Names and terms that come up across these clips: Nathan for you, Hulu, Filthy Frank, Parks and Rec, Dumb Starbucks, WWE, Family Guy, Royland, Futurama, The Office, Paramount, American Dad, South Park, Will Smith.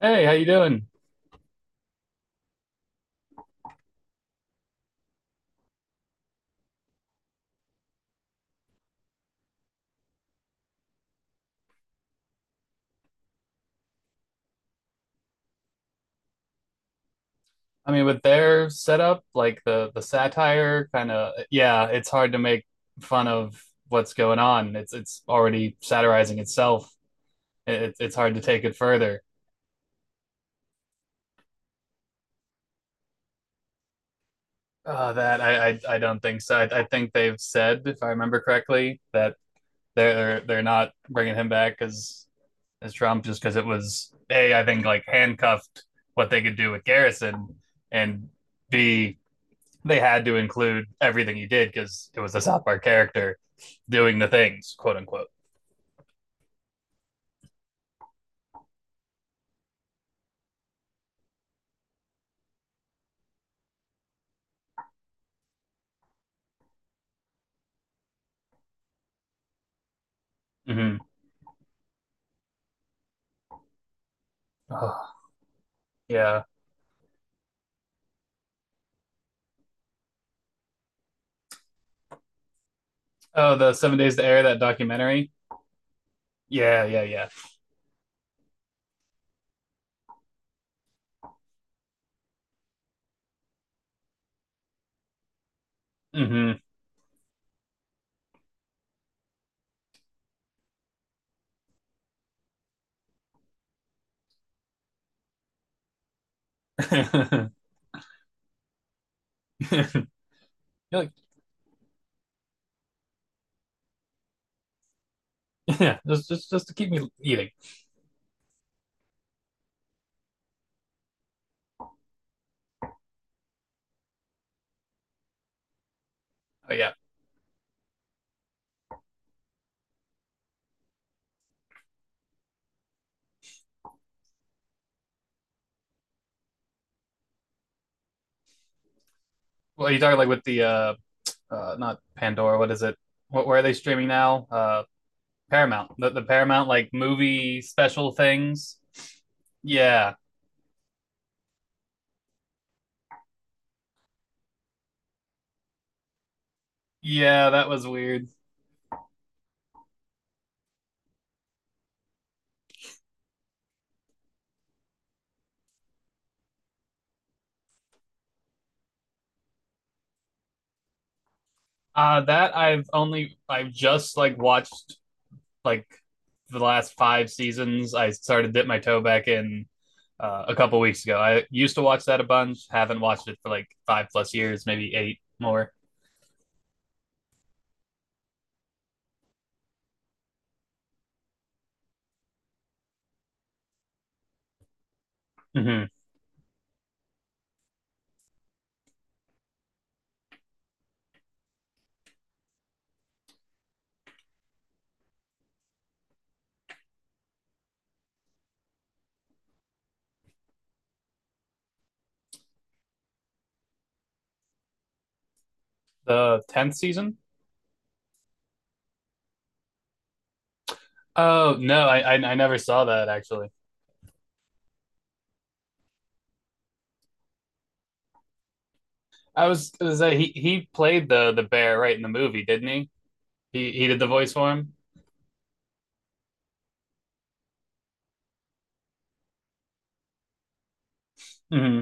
Hey, how you doing? I mean, with their setup, like the satire kind of, yeah, it's hard to make fun of what's going on. It's already satirizing itself. It's hard to take it further. That I don't think so. I think they've said, if I remember correctly, that they're not bringing him back as Trump just because it was A, I think, like, handcuffed what they could do with Garrison, and B, they had to include everything he did because it was the South Park character doing the things, quote unquote. Mm-hmm. Oh, yeah. Oh, the Seven Days to Air that documentary. Yeah, yeah, yeah. Mm-hmm. You're like, yeah, just to keep me eating. Oh yeah. Well, you talking like with the not Pandora. What is it? What where are they streaming now? Paramount. The Paramount like movie special things. Yeah, yeah, that was weird. That I've only I've just like watched like the last five seasons. I started dip my toe back in a couple weeks ago. I used to watch that a bunch. Haven't watched it for like five plus years, maybe eight more. Mm-hmm. The tenth season. Oh no, I never saw that actually. I was that he played the bear right in the movie, didn't he? He did the voice for him. Mm-hmm.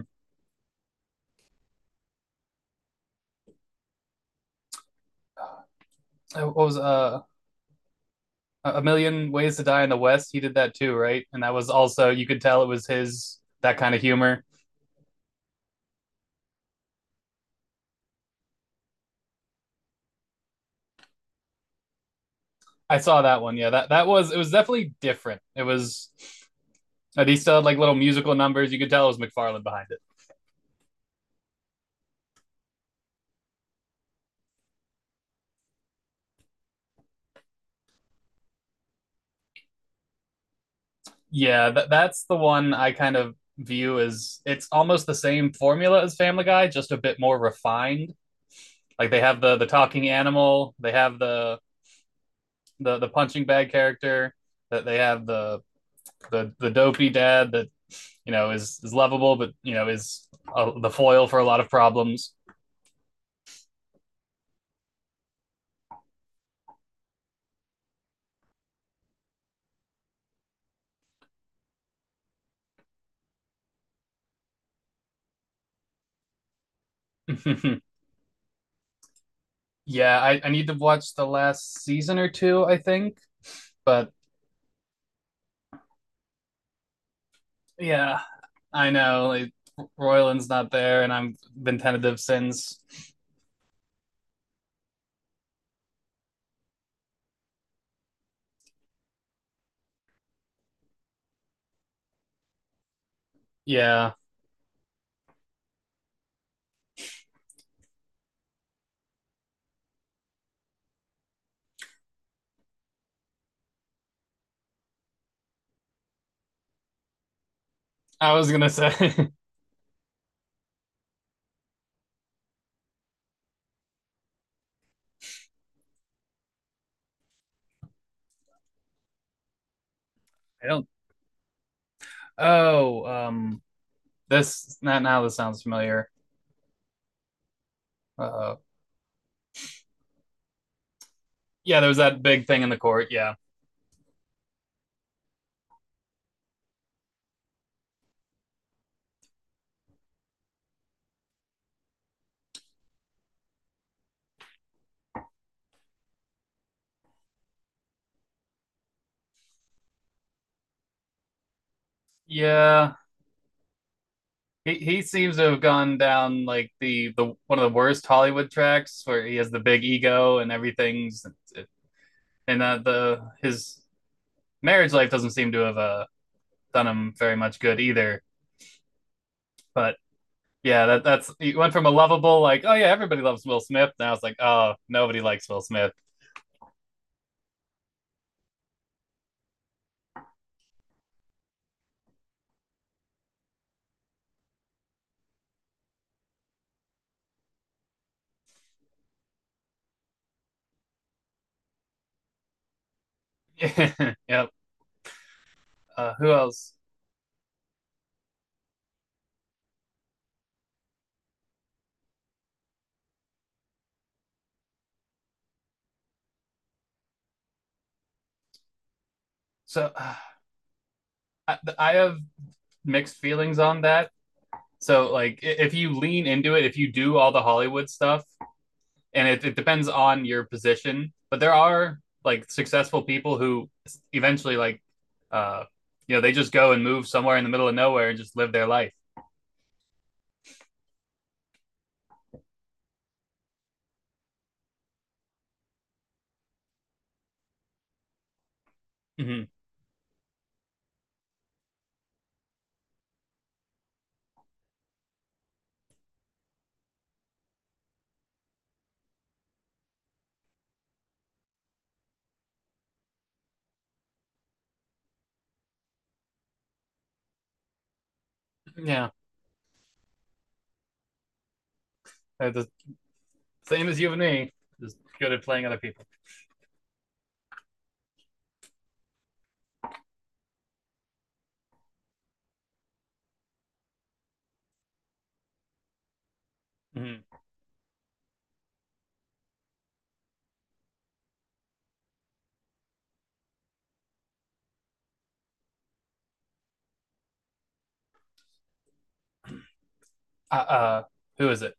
What was A Million Ways to Die in the West, he did that too, right? And that was also you could tell it was his that kind of humor. I saw that one. Yeah, that that was it was definitely different. It was he still had like little musical numbers. You could tell it was McFarlane behind it. Yeah, that's the one I kind of view as it's almost the same formula as Family Guy, just a bit more refined. Like they have the talking animal, they have the punching bag character, that they have the dopey dad that you know, is lovable, but you know, is the foil for a lot of problems. yeah, I need to watch the last season or two, I think. But yeah, I know, like, Royland's not there, and I've been tentative since. Yeah, I was gonna say I don't. Oh, this now this sounds familiar. Uh, yeah, there was that big thing in the court. Yeah, yeah. He seems to have gone down like the one of the worst Hollywood tracks where he has the big ego and everything's and the his marriage life doesn't seem to have done him very much good either. But yeah, that's he went from a lovable like oh yeah everybody loves Will Smith now it's like oh nobody likes Will Smith. yep. Who else? So uh, I have mixed feelings on that. So like if you lean into it, if you do all the Hollywood stuff and it depends on your position. But there are like successful people who eventually like, uh, you know, they just go and move somewhere in the middle of nowhere and just live their life. Mm-hmm. Yeah, they're the same as you and me, just good at playing other people. Mm-hmm. Uh, uh, who is it?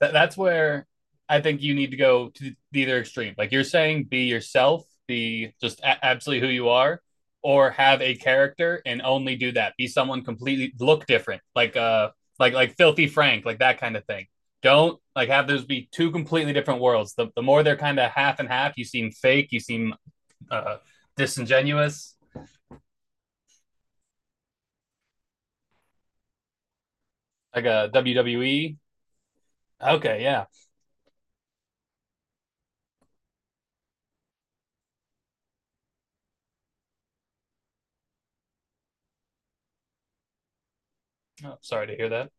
That's where I think you need to go to the either extreme. Like you're saying, be yourself, be just absolutely who you are, or have a character and only do that. Be someone completely look different, like Filthy Frank, like that kind of thing. Don't like have those be two completely different worlds. The more they're kind of half and half, you seem fake, you seem uh, disingenuous, like a WWE. Okay, yeah. Oh, sorry to hear that.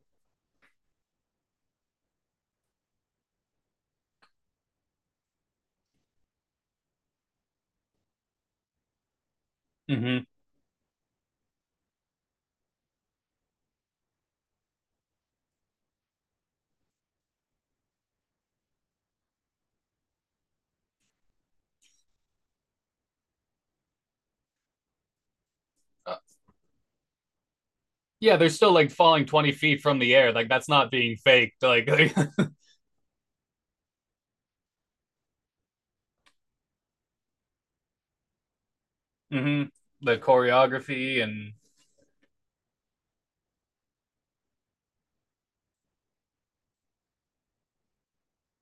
Mm-hmm. Yeah, they're still like falling 20 feet from the air. Like that's not being faked. Like, mhm. the choreography and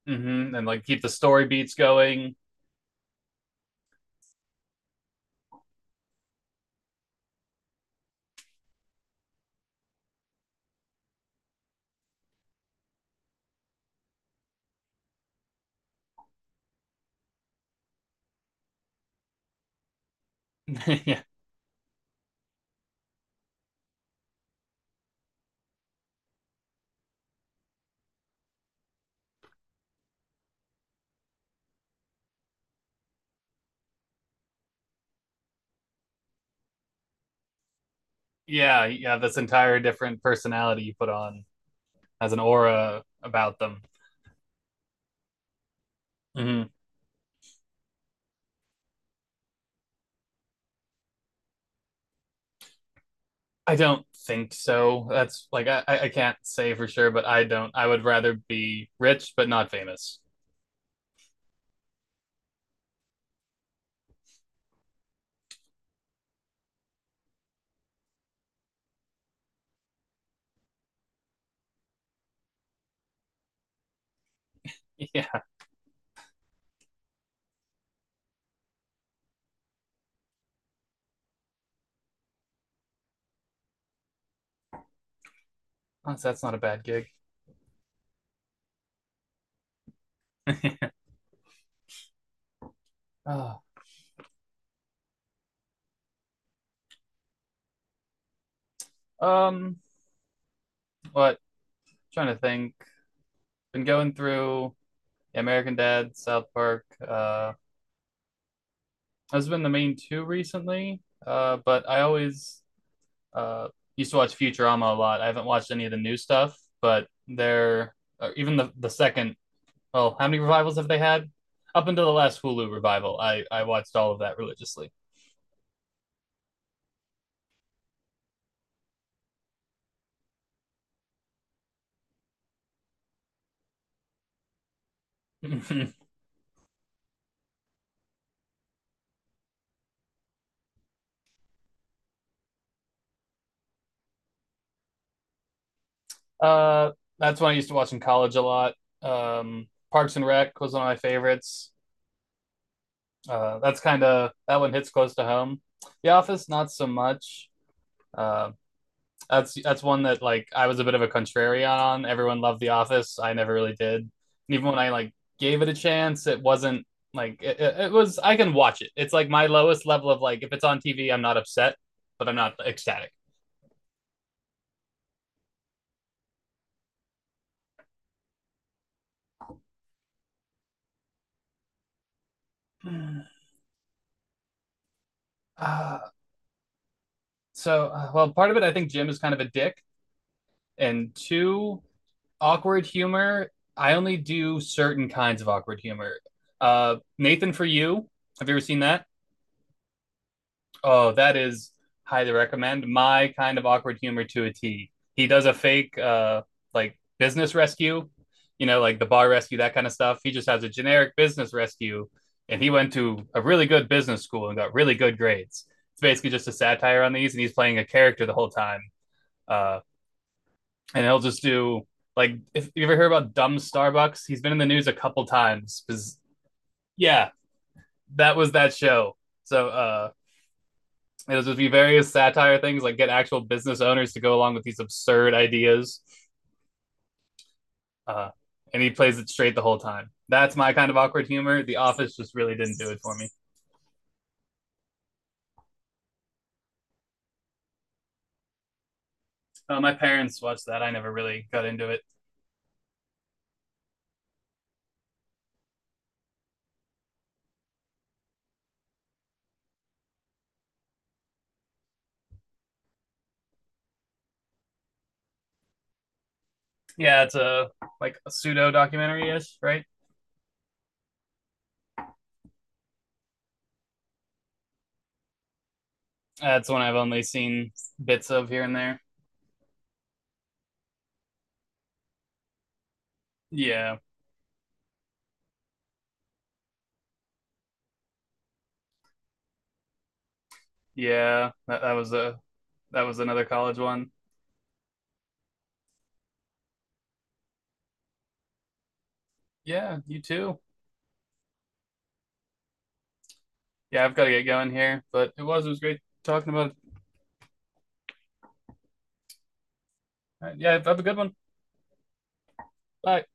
mhm, and like keep the story beats going. yeah, yeah, you have this entire different personality you put on as an aura about them. Hmm. I don't think so. That's like I can't say for sure, but I don't. I would rather be rich but not famous. Yeah. Oh, that's, not a bad gig. Oh, um, what? I'm Trying to think. Been going through American Dad, South Park. Has been the main two recently. But I always uh used to watch Futurama a lot. I haven't watched any of the new stuff, but they're even the second. Well, how many revivals have they had? Up until the last Hulu revival, I watched all of that religiously. uh, that's one I used to watch in college a lot. Parks and Rec was one of my favorites. That's kind of that one hits close to home. The Office, not so much. Uh, that's one that like I was a bit of a contrarian on. Everyone loved The Office. I never really did. And even when I like gave it a chance, it wasn't like it was. I can watch it. It's like my lowest level of like if it's on TV, I'm not upset, but I'm not ecstatic. Uh, well, part of it I think Jim is kind of a dick, and two awkward humor. I only do certain kinds of awkward humor. Nathan for you. Have you ever seen that? Oh, that is highly recommend. My kind of awkward humor to a T. He does a fake like business rescue, you know, like the bar rescue, that kind of stuff. He just has a generic business rescue and he went to a really good business school and got really good grades. It's basically just a satire on these and he's playing a character the whole time. Uh and he'll just do like if you ever hear about dumb Starbucks, he's been in the news a couple times because yeah, that was that show. So uh It'll just be various satire things, like get actual business owners to go along with these absurd ideas. Uh, and he plays it straight the whole time. That's my kind of awkward humor. The Office just really didn't do it for me. My parents watched that. I never really got into it. Yeah, it's a like a pseudo documentary ish, right? That's one I've only seen bits of here and there. Yeah, yeah. That was a that was another college one. Yeah, you too. Yeah, I've got to get going here, but it was great talking about. It. All right, yeah, have a good one. Bye.